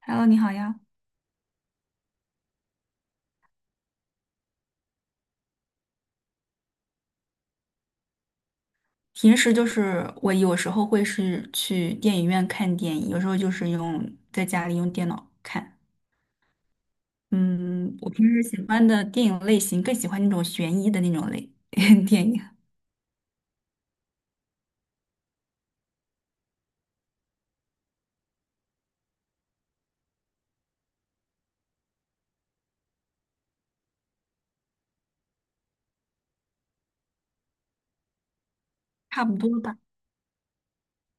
Hello，你好呀。平时就是我有时候会是去电影院看电影，有时候就是用在家里用电脑看。嗯，我平时喜欢的电影类型更喜欢那种悬疑的那种类 电影，差不多吧。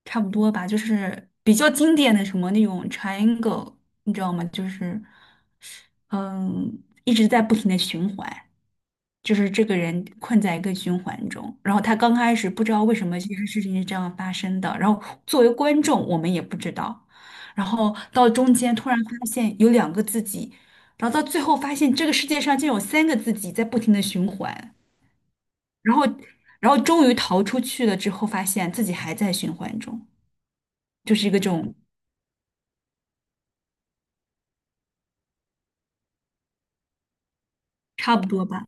差不多吧，就是比较经典的什么那种 triangle，你知道吗？一直在不停的循环，就是这个人困在一个循环中，然后他刚开始不知道为什么这件事情是这样发生的，然后作为观众我们也不知道，然后到中间突然发现有两个自己，然后到最后发现这个世界上竟有三个自己在不停的循环，然后然后终于逃出去了之后，发现自己还在循环中。就是一个这种差不多吧，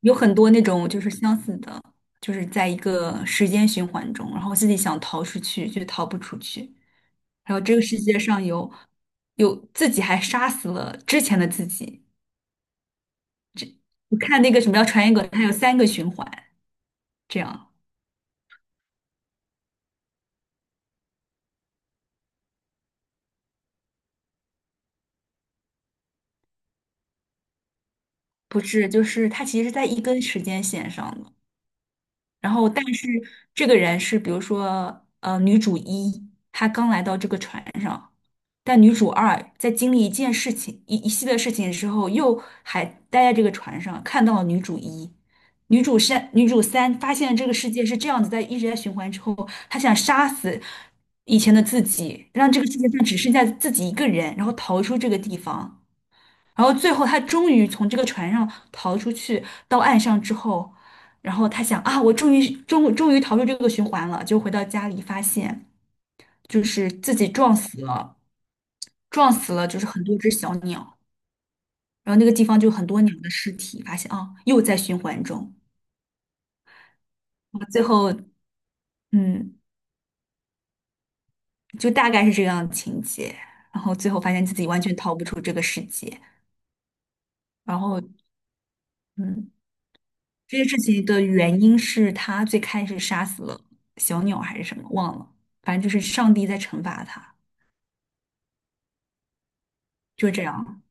有很多那种就是相似的，就是在一个时间循环中，然后自己想逃出去却逃不出去，然后这个世界上有自己还杀死了之前的自己。我看那个什么叫传言梗，它有三个循环，这样。不是，就是它其实是在一根时间线上的。然后但是这个人是比如说女主一，她刚来到这个船上，但女主二在经历一件事情一系列事情之后，又还待在这个船上，看到了女主一。女主三，女主三发现这个世界是这样子，在一直在循环之后，她想杀死以前的自己，让这个世界上只剩下自己一个人，然后逃出这个地方。然后最后他终于从这个船上逃出去，到岸上之后，然后他想啊，我终于逃出这个循环了，就回到家里发现就是自己撞死了，撞死了就是很多只小鸟，然后那个地方就很多鸟的尸体，发现啊又在循环中，然后最后嗯就大概是这样的情节，然后最后发现自己完全逃不出这个世界，然后嗯。这件事情的原因是他最开始杀死了小鸟还是什么，忘了，反正就是上帝在惩罚他，就这样。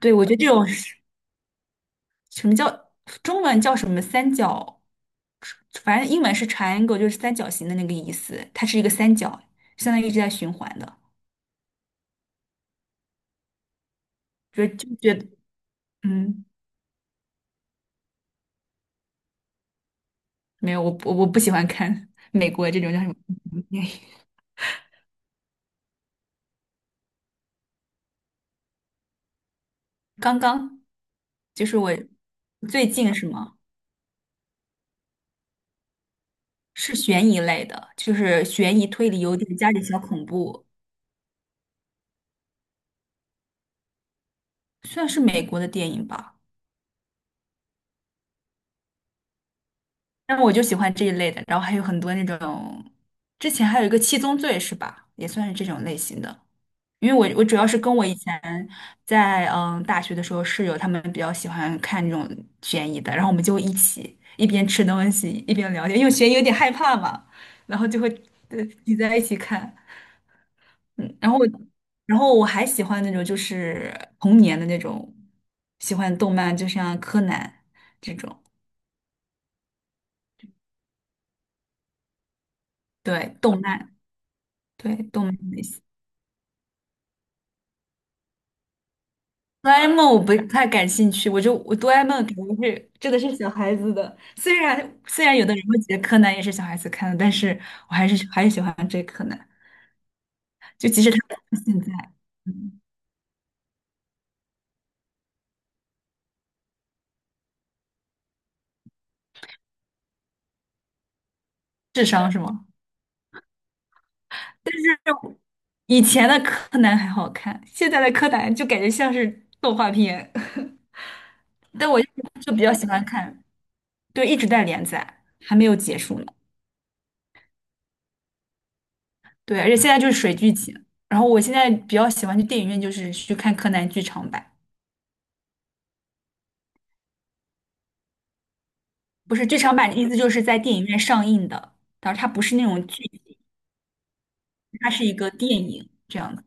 对，我觉得这种是什么叫中文叫什么三角，反正英文是 triangle，就是三角形的那个意思，它是一个三角，相当于一直在循环的，就觉得嗯，没有，我不喜欢看 美国这种叫什么 刚刚就是我最近是吗？是悬疑类的，就是悬疑推理，有点加点小恐怖，算是美国的电影吧。但我就喜欢这一类的，然后还有很多那种，之前还有一个《七宗罪》是吧？也算是这种类型的。因为我主要是跟我以前在大学的时候室友他们比较喜欢看这种悬疑的，然后我们就会一起一边吃东西一边聊天，因为悬疑有点害怕嘛，然后就会呃挤在一起看。嗯，然后我还喜欢那种就是童年的那种，喜欢动漫，就像柯南这种，对，动漫，对，动漫类型。哆啦 A 梦我不太感兴趣，我哆啦 A 梦肯定是真的是小孩子的，虽然有的人会觉得柯南也是小孩子看的，但是我还是喜欢追柯南，就即使他现在，嗯，智商是吗？以前的柯南还好看，现在的柯南就感觉像是动画片。但我就比较喜欢看，对，一直在连载，还没有结束呢。对，而且现在就是水剧情。然后我现在比较喜欢去电影院，就是去看柯南剧场版，不是剧场版的意思就是在电影院上映的，但是它不是那种剧集，它是一个电影这样的。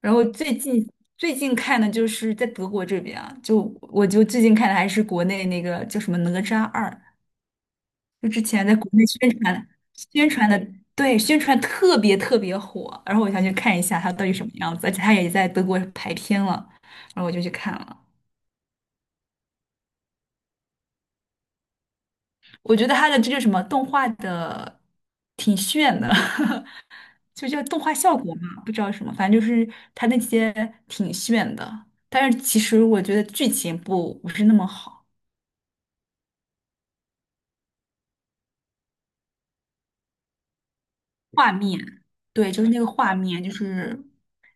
然后最近看的就是在德国这边啊，就我就最近看的还是国内那个叫什么《哪吒二》，就之前在国内宣传的，对，宣传特别特别火，然后我想去看一下它到底什么样子，而且它也在德国排片了，然后我就去看了。我觉得他的这个什么动画的挺炫的，就叫动画效果嘛，不知道什么，反正就是他那些挺炫的，但是其实我觉得剧情不是那么好，画面，对，就是那个画面就是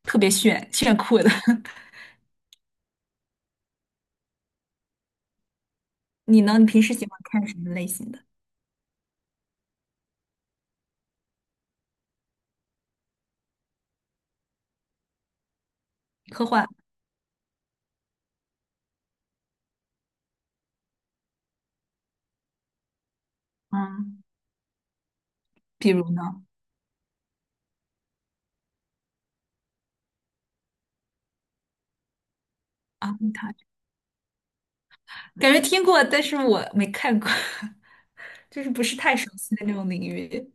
特别炫酷的。你呢？你平时喜欢看什么类型的？科幻。嗯，比如呢？阿布塔感觉听过，但是我没看过，就是不是太熟悉的那种领域。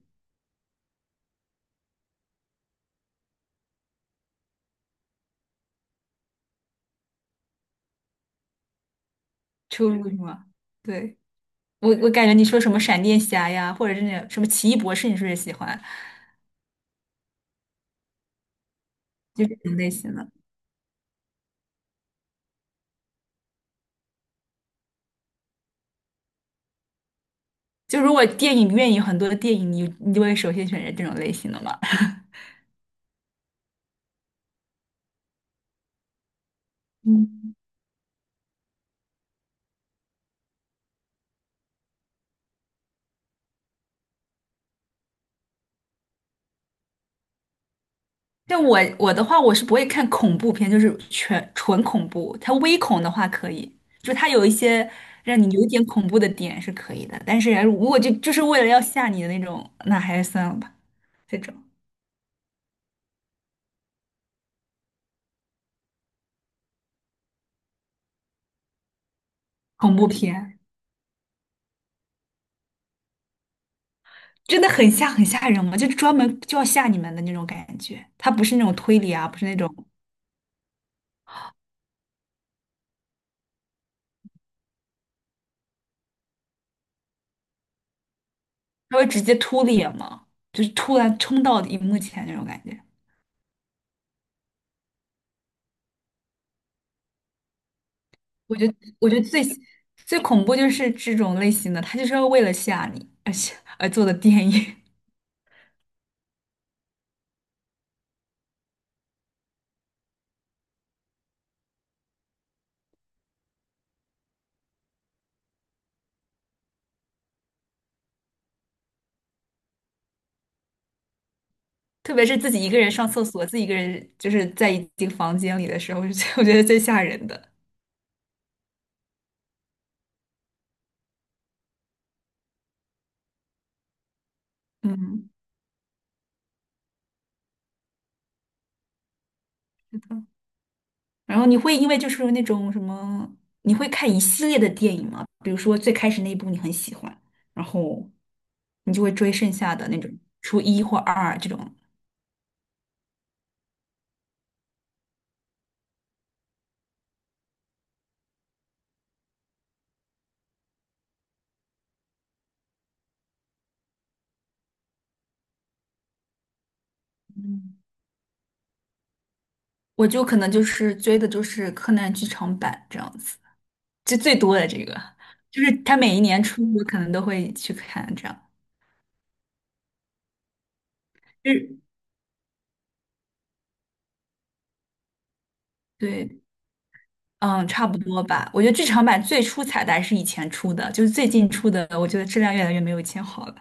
出入是吗？对，我感觉你说什么闪电侠呀，或者是那种什么奇异博士，你是不是也喜欢？就是这种类型的。就如果电影院有很多的电影，你就会首先选择这种类型的嘛？嗯但我的话，我是不会看恐怖片，就是全纯恐怖。它微恐的话可以，就它有一些让你有点恐怖的点是可以的。但是如果就是为了要吓你的那种，那还是算了吧。这种恐怖片真的很吓人嘛，就是专门就要吓你们的那种感觉。它不是那种推理啊，不是那种它会直接突脸嘛，就是突然冲到荧幕前那种感觉。我觉得，我觉得最最恐怖就是这种类型的，他就是要为了吓你而吓而做的电影，特别是自己一个人上厕所，自己一个人就是在一个房间里的时候，是最 我觉得最吓人的。嗯，是的。然后你会因为就是那种什么，你会看一系列的电影吗？比如说最开始那一部你很喜欢，然后你就会追剩下的那种，初一或二这种。嗯，我就可能就是追的就是柯南剧场版这样子。就最多的这个，就是他每一年出，我可能都会去看这样。日，对，嗯，差不多吧。我觉得剧场版最初彩蛋是以前出的，就是最近出的，我觉得质量越来越没有以前好了。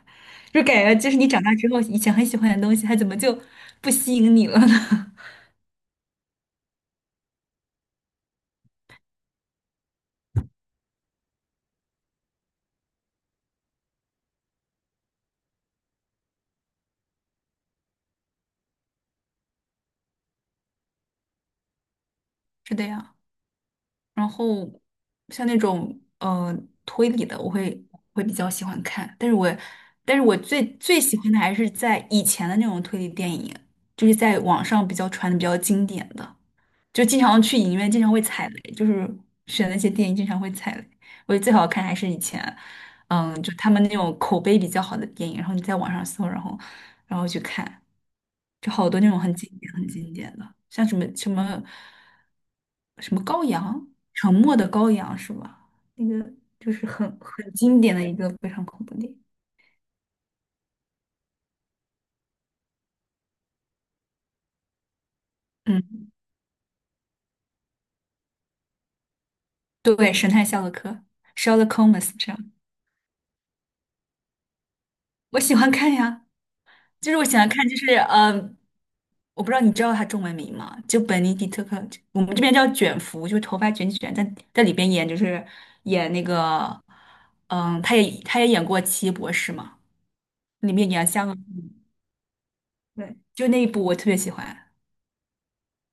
就感觉就是你长大之后，以前很喜欢的东西，它怎么就不吸引你了呢？是的呀。然后像那种推理的，会比较喜欢看，但是我最最喜欢的还是在以前的那种推理电影，就是在网上比较传的比较经典的。就经常去影院，经常会踩雷，就是选那些电影经常会踩雷。我觉得最好看还是以前，嗯，就他们那种口碑比较好的电影，然后你在网上搜，然后去看，就好多那种很经典、很经典的，像什么什么羔羊，沉默的羔羊是吧？那个就是很经典的一个非常恐怖电影。嗯，对，神探夏洛克 （Sherlock Homes 这样，我喜欢看呀。就是我喜欢看，我不知道你知道他中文名吗？就本尼迪特克，我们这边叫卷福，就是头发卷卷，在里边演就是演那个，嗯，他也演过《奇异博士》嘛，里面演香港，对，就那一部我特别喜欢，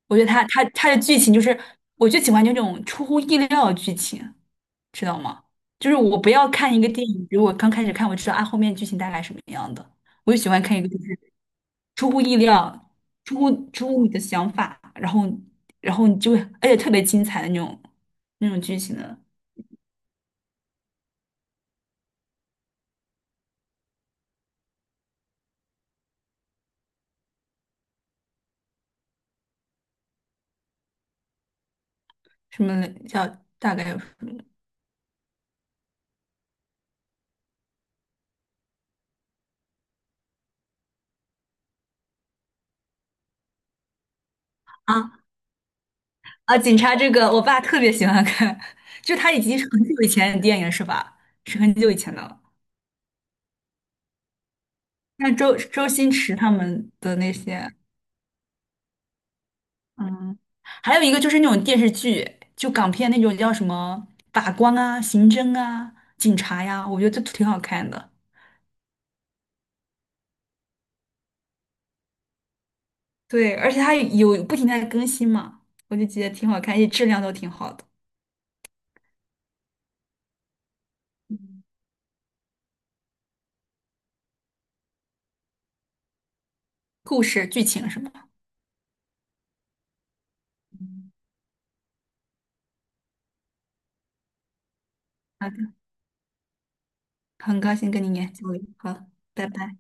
我觉得他的剧情就是我就喜欢那种出乎意料的剧情，知道吗？就是我不要看一个电影，比如我刚开始看，我知道啊后面剧情大概什么样的，我就喜欢看一个。就是。出乎意料，出乎你的想法，然后你就会而且特别精彩的那种剧情的，什么叫大概有什么啊啊？警察这个，我爸特别喜欢看，就他已经是很久以前的电影了是吧？是很久以前的了。那周星驰他们的那些，嗯，还有一个就是那种电视剧，就港片那种叫什么法官啊、刑侦啊、警察呀，我觉得都挺好看的。对，而且它有不停地在更新嘛，我就觉得挺好看，而且质量都挺好的，故事、剧情什么的。好的，很高兴跟你研究，好，拜拜。